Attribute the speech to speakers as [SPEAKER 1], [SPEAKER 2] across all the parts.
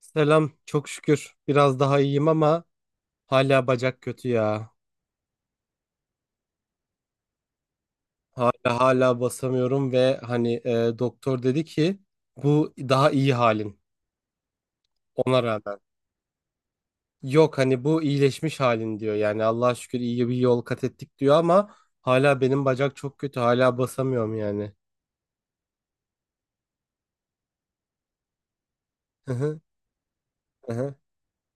[SPEAKER 1] Selam, çok şükür. Biraz daha iyiyim ama hala bacak kötü ya. Hala hala basamıyorum ve hani doktor dedi ki bu daha iyi halin ona rağmen. Yok hani bu iyileşmiş halin diyor. Yani Allah'a şükür iyi bir yol kat ettik diyor ama hala benim bacak çok kötü. Hala basamıyorum yani.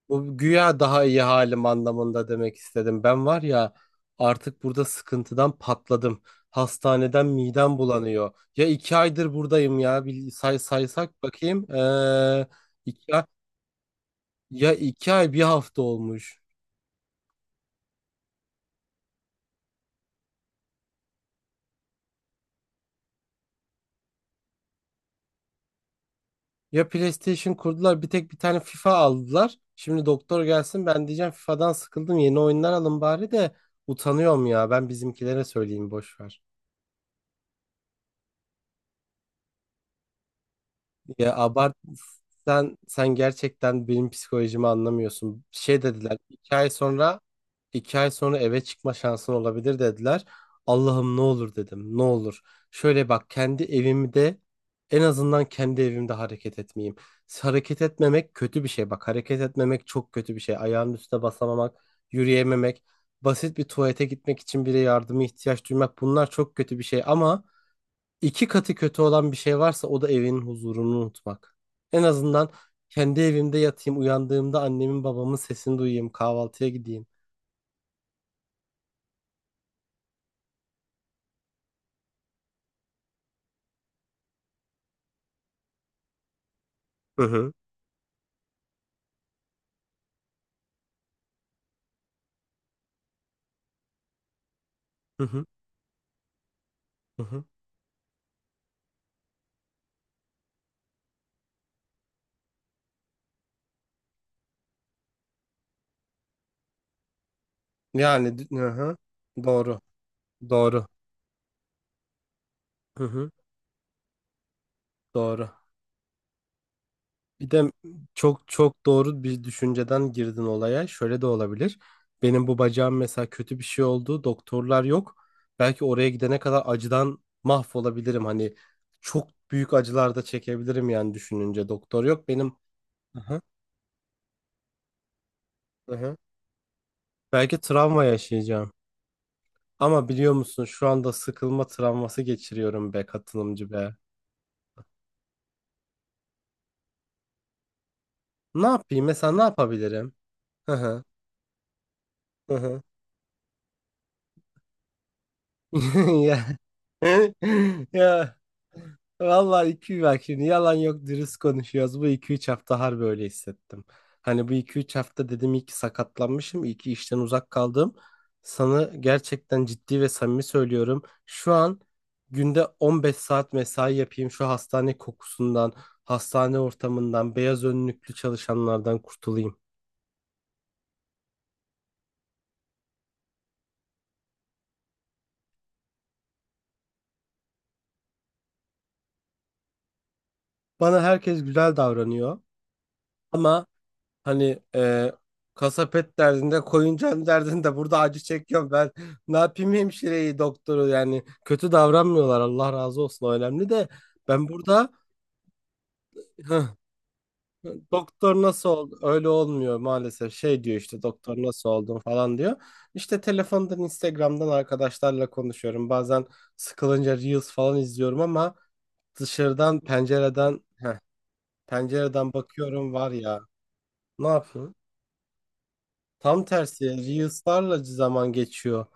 [SPEAKER 1] Bu güya daha iyi halim anlamında demek istedim. Ben var ya artık burada sıkıntıdan patladım. Hastaneden midem bulanıyor. Ya 2 aydır buradayım ya. Bir saysak bakayım. 2 ay, ya 2 ay 1 hafta olmuş. Ya PlayStation kurdular, bir tek bir tane FIFA aldılar. Şimdi doktor gelsin ben diyeceğim FIFA'dan sıkıldım, yeni oyunlar alın bari de utanıyorum ya. Ben bizimkilere söyleyeyim, boş ver. Ya abart sen sen gerçekten benim psikolojimi anlamıyorsun. Şey dediler, 2 ay sonra eve çıkma şansın olabilir dediler. Allah'ım ne olur dedim, ne olur. Şöyle bak, kendi evimde, en azından kendi evimde hareket etmeyeyim. Hareket etmemek kötü bir şey, bak hareket etmemek çok kötü bir şey. Ayağının üstüne basamamak, yürüyememek, basit bir tuvalete gitmek için bile yardıma ihtiyaç duymak, bunlar çok kötü bir şey ama İki katı kötü olan bir şey varsa o da evinin huzurunu unutmak. En azından kendi evimde yatayım, uyandığımda annemin babamın sesini duyayım, kahvaltıya gideyim. Hı hı. Hı hı. Hı hı. Yani hı hı. Doğru. Doğru. Hı hı. Doğru. Bir de çok çok doğru bir düşünceden girdin olaya. Şöyle de olabilir. Benim bu bacağım mesela kötü bir şey oldu. Doktorlar yok. Belki oraya gidene kadar acıdan mahvolabilirim. Hani çok büyük acılar da çekebilirim yani düşününce. Doktor yok. Benim aha, aha. Belki travma yaşayacağım. Ama biliyor musun, şu anda sıkılma travması geçiriyorum be katılımcı be. Ne yapayım? Mesela ne yapabilirim? Hı hı. Hı hı. Ya vallahi iki bak, şimdi yalan yok, dürüst konuşuyoruz. Bu 2-3 hafta harbi öyle hissettim. Hani bu 2-3 hafta dedim iyi ki sakatlanmışım, iyi ki işten uzak kaldım. Sana gerçekten ciddi ve samimi söylüyorum. Şu an günde 15 saat mesai yapayım, şu hastane kokusundan, hastane ortamından, beyaz önlüklü çalışanlardan kurtulayım. Bana herkes güzel davranıyor ama hani kasap et derdinde, koyuncan derdinde, burada acı çekiyorum ben. Ne yapayım hemşireyi doktoru, yani kötü davranmıyorlar, Allah razı olsun, o önemli de ben burada hıh, doktor nasıl oldu, öyle olmuyor maalesef, şey diyor işte, doktor nasıl oldun falan diyor. İşte telefondan Instagram'dan arkadaşlarla konuşuyorum, bazen sıkılınca Reels falan izliyorum ama dışarıdan pencereden bakıyorum var ya, ne yapayım? Tam tersi, Reels'larla zaman geçiyor.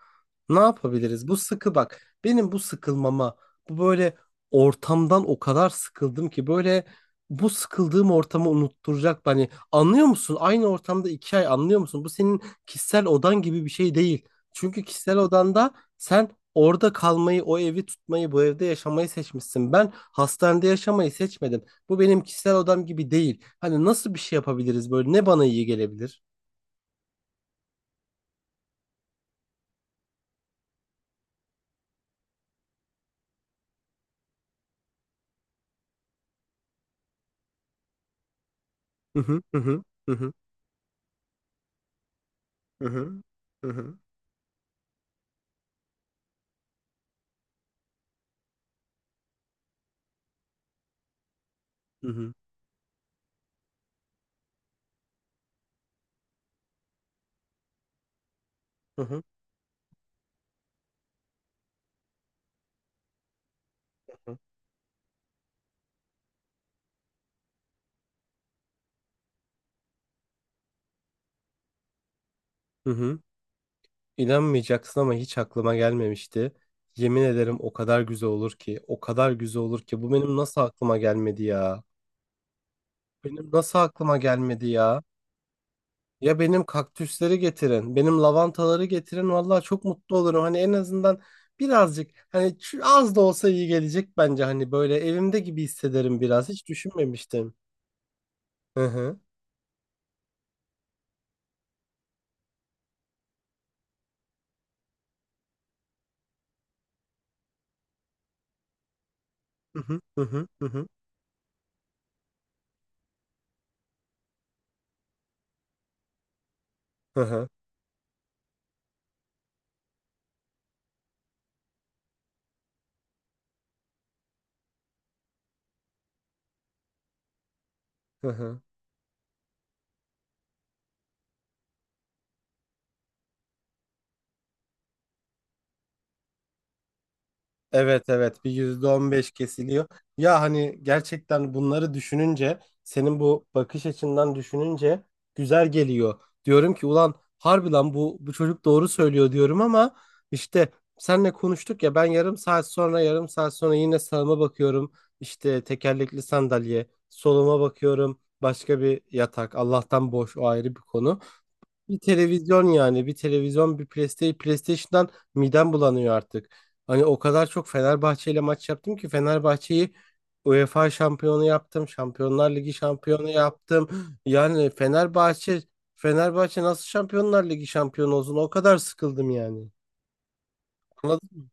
[SPEAKER 1] Ne yapabiliriz? Bu sıkı bak. Benim bu sıkılmama, bu böyle ortamdan o kadar sıkıldım ki böyle, bu sıkıldığım ortamı unutturacak. Hani anlıyor musun? Aynı ortamda iki ay, anlıyor musun? Bu senin kişisel odan gibi bir şey değil. Çünkü kişisel odanda sen orada kalmayı, o evi tutmayı, bu evde yaşamayı seçmişsin. Ben hastanede yaşamayı seçmedim. Bu benim kişisel odam gibi değil. Hani nasıl bir şey yapabiliriz böyle? Ne bana iyi gelebilir? Hı hı hı hı hı hı hı hı hı hı hı hı hı hı, hı hı. İnanmayacaksın ama hiç aklıma gelmemişti. Yemin ederim o kadar güzel olur ki, o kadar güzel olur ki. Bu benim nasıl aklıma gelmedi ya? Benim nasıl aklıma gelmedi ya? Ya benim kaktüsleri getirin, benim lavantaları getirin. Vallahi çok mutlu olurum. Hani en azından birazcık, hani az da olsa iyi gelecek bence. Hani böyle evimde gibi hissederim biraz. Hiç düşünmemiştim. Hı hı hı hı hı hı hı hı hı. Hı hı. Evet evet, bir %15 kesiliyor. Ya hani gerçekten bunları düşününce, senin bu bakış açından düşününce güzel geliyor. Diyorum ki ulan harbi lan bu çocuk doğru söylüyor diyorum ama işte, senle konuştuk ya, ben yarım saat sonra yine sağıma bakıyorum, işte tekerlekli sandalye, soluma bakıyorum başka bir yatak, Allah'tan boş, o ayrı bir konu. Bir televizyon, yani bir televizyon, bir PlayStation'dan midem bulanıyor artık. Hani o kadar çok Fenerbahçe ile maç yaptım ki Fenerbahçe'yi UEFA şampiyonu yaptım, Şampiyonlar Ligi şampiyonu yaptım. Yani Fenerbahçe nasıl Şampiyonlar Ligi şampiyonu olsun? O kadar sıkıldım yani. Anladın mı?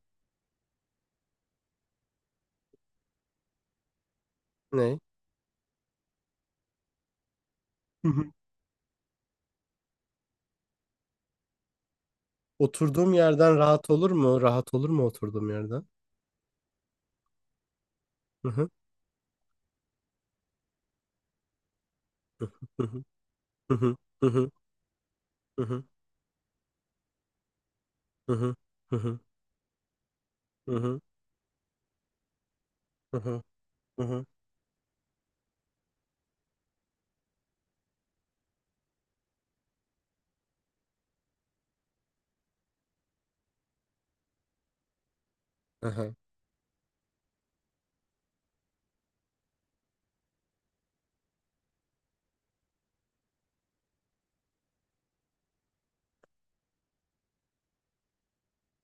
[SPEAKER 1] Ne? Hı hı. Oturduğum yerden rahat olur mu? Rahat olur mu oturduğum yerden? Hı hı. Hı hı. Hı hı. Hı hı. Hı hı. Hı hı. Hı hı. Hı hı. Hı hı. Hı hı.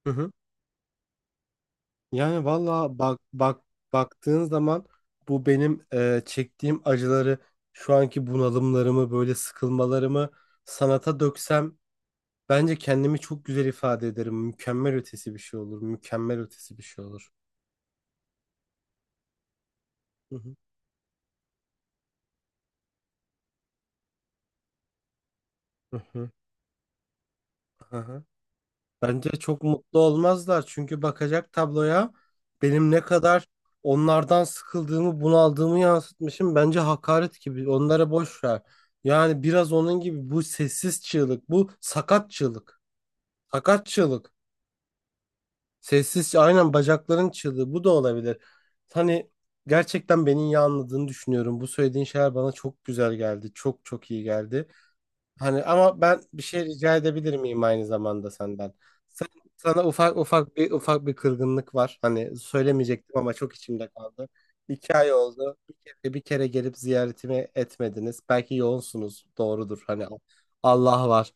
[SPEAKER 1] Hı hı. Yani valla bak bak, baktığın zaman bu benim çektiğim acıları, şu anki bunalımlarımı, böyle sıkılmalarımı sanata döksem bence kendimi çok güzel ifade ederim. Mükemmel ötesi bir şey olur. Mükemmel ötesi bir şey olur. Hı hı. Hı hı. Hı hı. Bence çok mutlu olmazlar, çünkü bakacak tabloya benim ne kadar onlardan sıkıldığımı, bunaldığımı yansıtmışım. Bence hakaret gibi. Onlara boş ver. Yani biraz onun gibi, bu sessiz çığlık, bu sakat çığlık. Sakat çığlık. Sessiz, aynen, bacakların çığlığı bu da olabilir. Hani gerçekten beni iyi anladığını düşünüyorum. Bu söylediğin şeyler bana çok güzel geldi. Çok çok iyi geldi. Hani ama ben bir şey rica edebilir miyim aynı zamanda senden? Sen, sana ufak bir kırgınlık var. Hani söylemeyecektim ama çok içimde kaldı. İki ay oldu. Bir kere gelip ziyaretimi etmediniz. Belki yoğunsunuz. Doğrudur. Hani Allah var.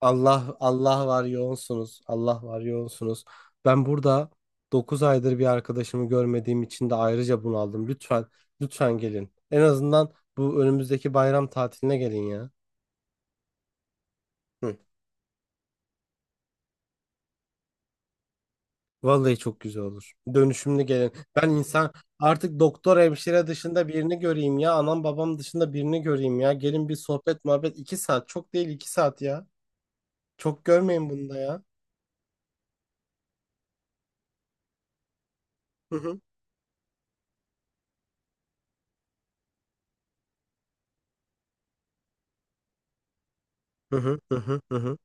[SPEAKER 1] Allah var yoğunsunuz. Allah var yoğunsunuz. Ben burada 9 aydır bir arkadaşımı görmediğim için de ayrıca bunaldım. Lütfen lütfen gelin. En azından bu önümüzdeki bayram tatiline gelin ya. Hı. Vallahi çok güzel olur. Dönüşümlü gelin. Ben insan artık doktor hemşire dışında birini göreyim ya. Anam babam dışında birini göreyim ya. Gelin bir sohbet muhabbet, 2 saat. Çok değil, 2 saat ya. Çok görmeyin bunda ya. Hı hı. Hı hı hı hı hı hı.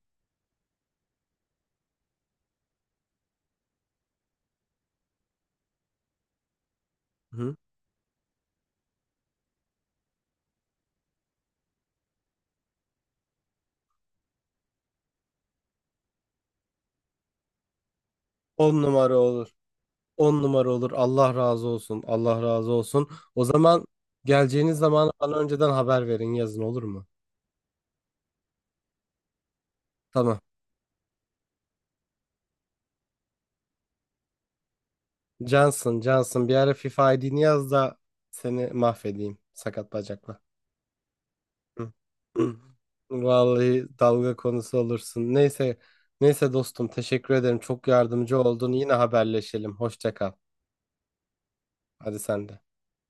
[SPEAKER 1] Hı. On numara olur. On numara olur. Allah razı olsun. Allah razı olsun. O zaman, geleceğiniz zaman bana önceden haber verin, yazın, olur mu? Tamam. Johnson bir ara FIFA ID'ni yaz da seni mahvedeyim. Sakat bacakla. Hı. Vallahi dalga konusu olursun. Neyse, neyse dostum teşekkür ederim. Çok yardımcı oldun. Yine haberleşelim. Hoşça kal. Hadi sen de.